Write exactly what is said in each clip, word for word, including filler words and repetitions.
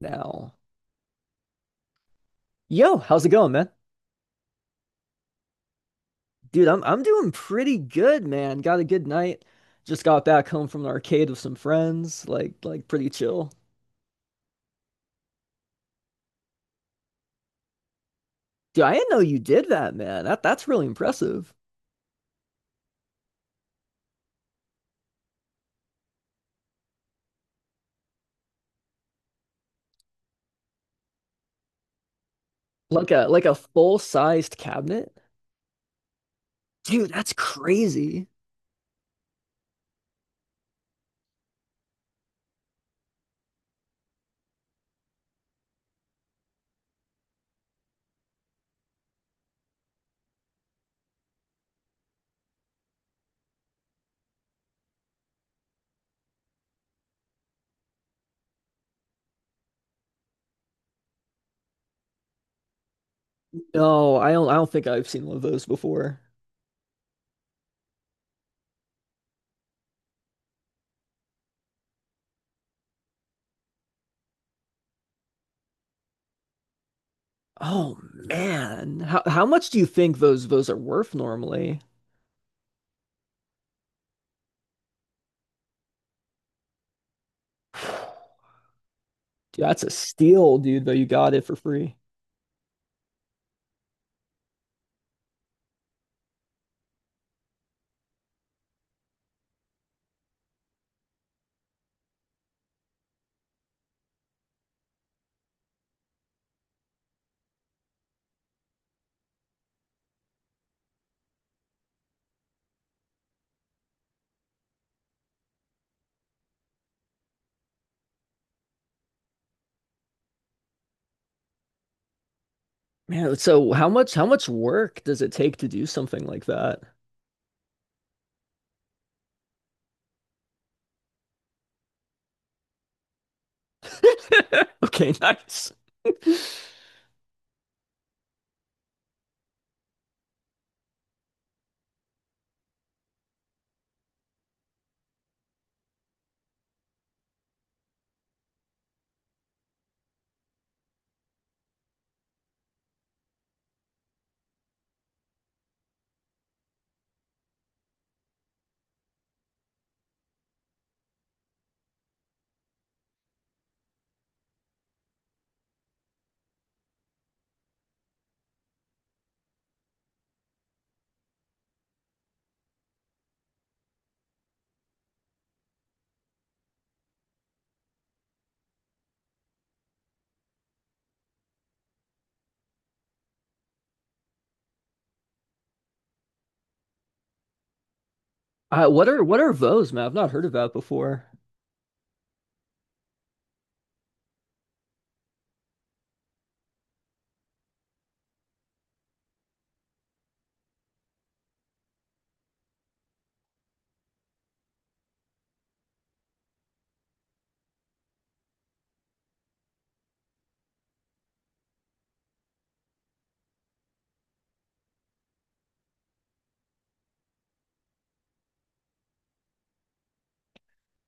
Now, yo, how's it going, man? Dude, I'm I'm doing pretty good, man. Got a good night. Just got back home from the arcade with some friends. Like like pretty chill. Dude, I didn't know you did that, man. That that's really impressive. Like a like a full-sized cabinet? Dude, that's crazy. No, I don't I don't think I've seen one of those before. Oh man. How how much do you think those those are worth normally? Dude, that's a steal, dude, though you got it for free. Man, so how much how much work does it take to do something like that? Okay, nice. Uh, what are what are Vos, man? I've not heard of that before.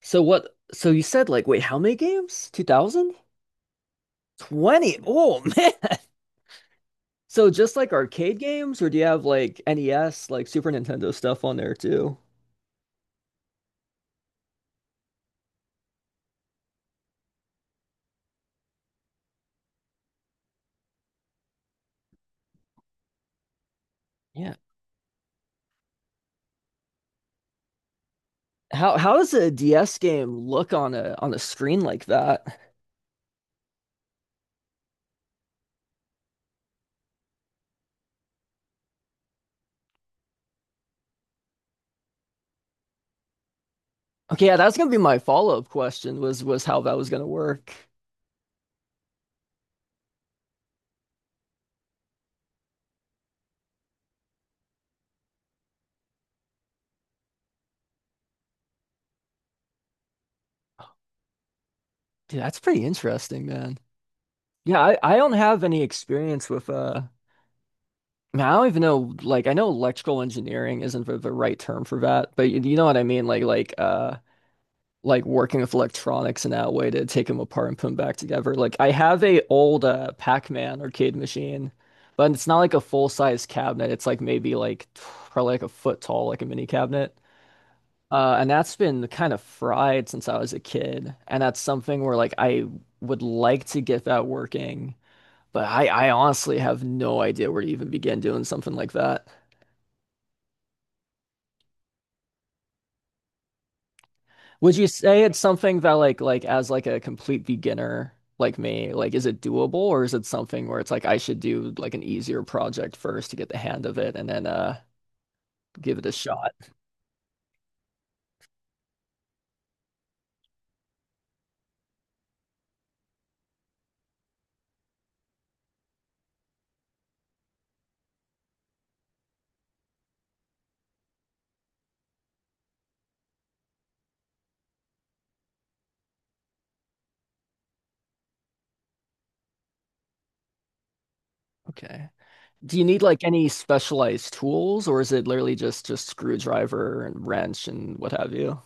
So what? So you said like, wait, how many games? two thousand? twenty. Oh man. So just like arcade games, or do you have like N E S, like Super Nintendo stuff on there too? Yeah. How how does a D S game look on a on a screen like that? Okay, yeah, that's gonna be my follow-up question was was how that was gonna work. Dude, that's pretty interesting, man. Yeah, I, I don't have any experience with uh I mean, I don't even know like I know electrical engineering isn't the, the right term for that, but you, you know what I mean like like uh like working with electronics in that way to take them apart and put them back together. Like I have a old uh Pac-Man arcade machine, but it's not like a full-size cabinet. It's like maybe like t- probably like a foot tall like a mini cabinet. Uh and that's been kind of fried since I was a kid, and that's something where like I would like to get that working but I, I honestly have no idea where to even begin doing something like that. Would you say it's something that like like as like a complete beginner like me, like is it doable or is it something where it's like I should do like an easier project first to get the hand of it and then uh give it a shot? Okay. Do you need like any specialized tools or is it literally just just screwdriver and wrench and what have you?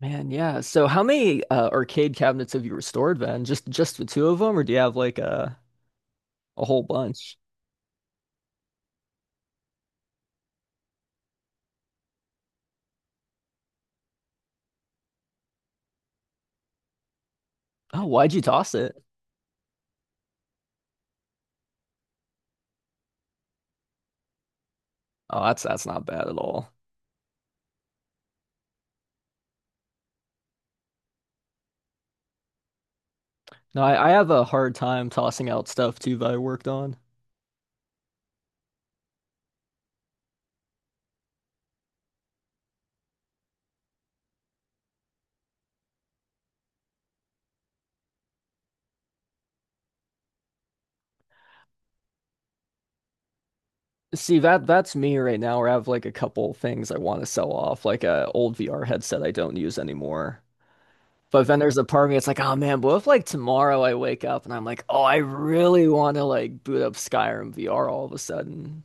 Man, yeah. So how many uh, arcade cabinets have you restored then? Just just the two of them or do you have like a a whole bunch? Oh, why'd you toss it? Oh, that's that's not bad at all. No, I, I have a hard time tossing out stuff too that I worked on. See, that that's me right now where I have like a couple things I want to sell off, like a old V R headset I don't use anymore. But then there's a part of me that's like, oh man, what if like tomorrow I wake up and I'm like, oh, I really want to like boot up Skyrim V R all of a sudden.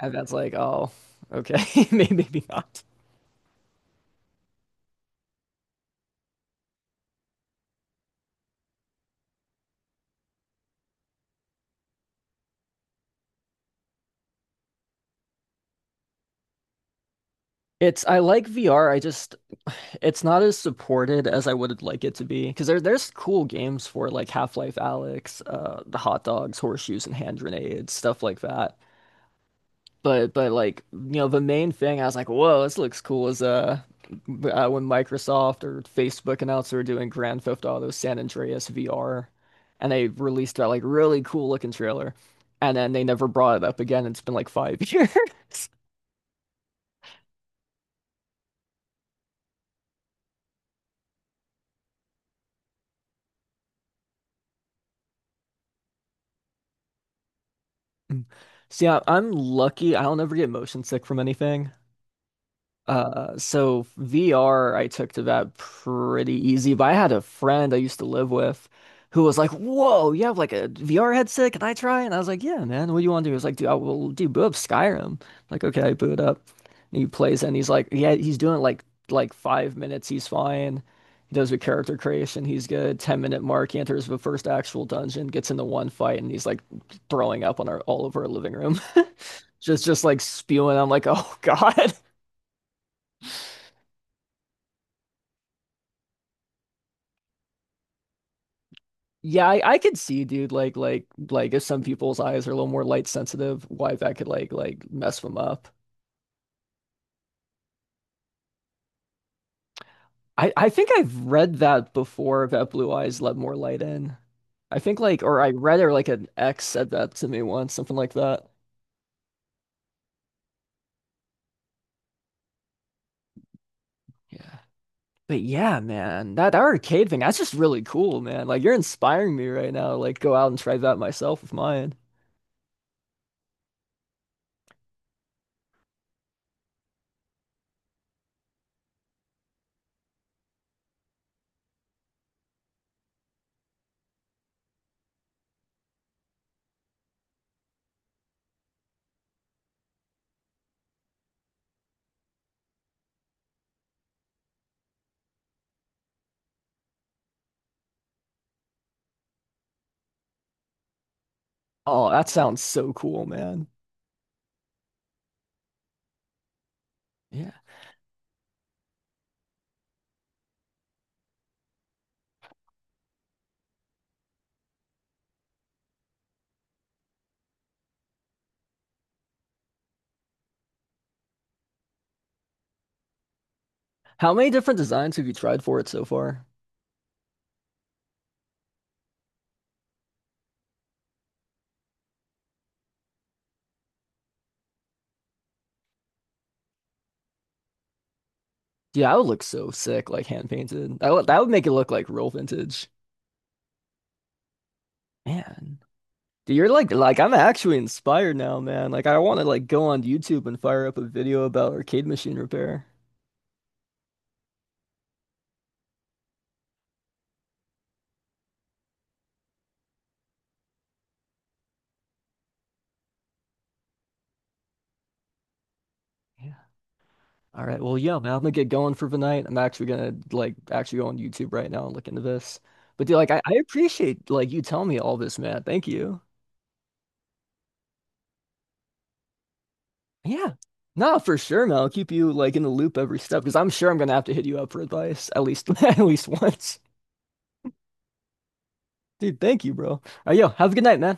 And that's like, oh, okay, maybe maybe not. It's I like V R. I just it's not as supported as I would like it to be because there there's cool games for like Half-Life Alyx, uh, the hot dogs, horseshoes, and hand grenades, stuff like that. But but like you know the main thing I was like, whoa, this looks cool is uh, uh when Microsoft or Facebook announced they were doing Grand Theft Auto San Andreas V R, and they released that like really cool looking trailer, and then they never brought it up again. It's been like five years. See, I- I'm lucky. I don't ever get motion sick from anything. Uh, so V R, I took to that pretty easy, but I had a friend I used to live with who was like, whoa, you have like a V R headset? Can I try? And I was like, yeah, man, what do you want to do? He was like, dude, I will do boot up Skyrim. I'm like, okay, I boot up. And he plays it and he's like, yeah, he's doing like like five minutes, he's fine. He does the character creation, he's good. Ten minute mark, he enters the first actual dungeon, gets into one fight, and he's like throwing up on our all over our living room. Just just like spewing. I'm like, oh God. Yeah, I, I could see, dude, like like like if some people's eyes are a little more light sensitive, why that could like like mess them up. I I think I've read that before that blue eyes let more light in. I think like or I read it or like an ex said that to me once, something like that. Yeah. But yeah, man, that, that arcade thing, that's just really cool, man. Like you're inspiring me right now. Like go out and try that myself with mine. Oh, that sounds so cool, man. Yeah. How many different designs have you tried for it so far? Yeah, I would look so sick, like hand painted. That would that would make it look like real vintage. Man. Dude, you're like like I'm actually inspired now, man. Like I want to like go on YouTube and fire up a video about arcade machine repair. Yeah. All right. Well, yeah, man, I'm gonna get going for the night. I'm actually gonna like actually go on YouTube right now and look into this. But dude, like I, I appreciate like you telling me all this, man. Thank you. Yeah. No, for sure, man. I'll keep you like in the loop every step because I'm sure I'm gonna have to hit you up for advice at least at least once. Dude, thank you, bro. All right, yo, have a good night, man.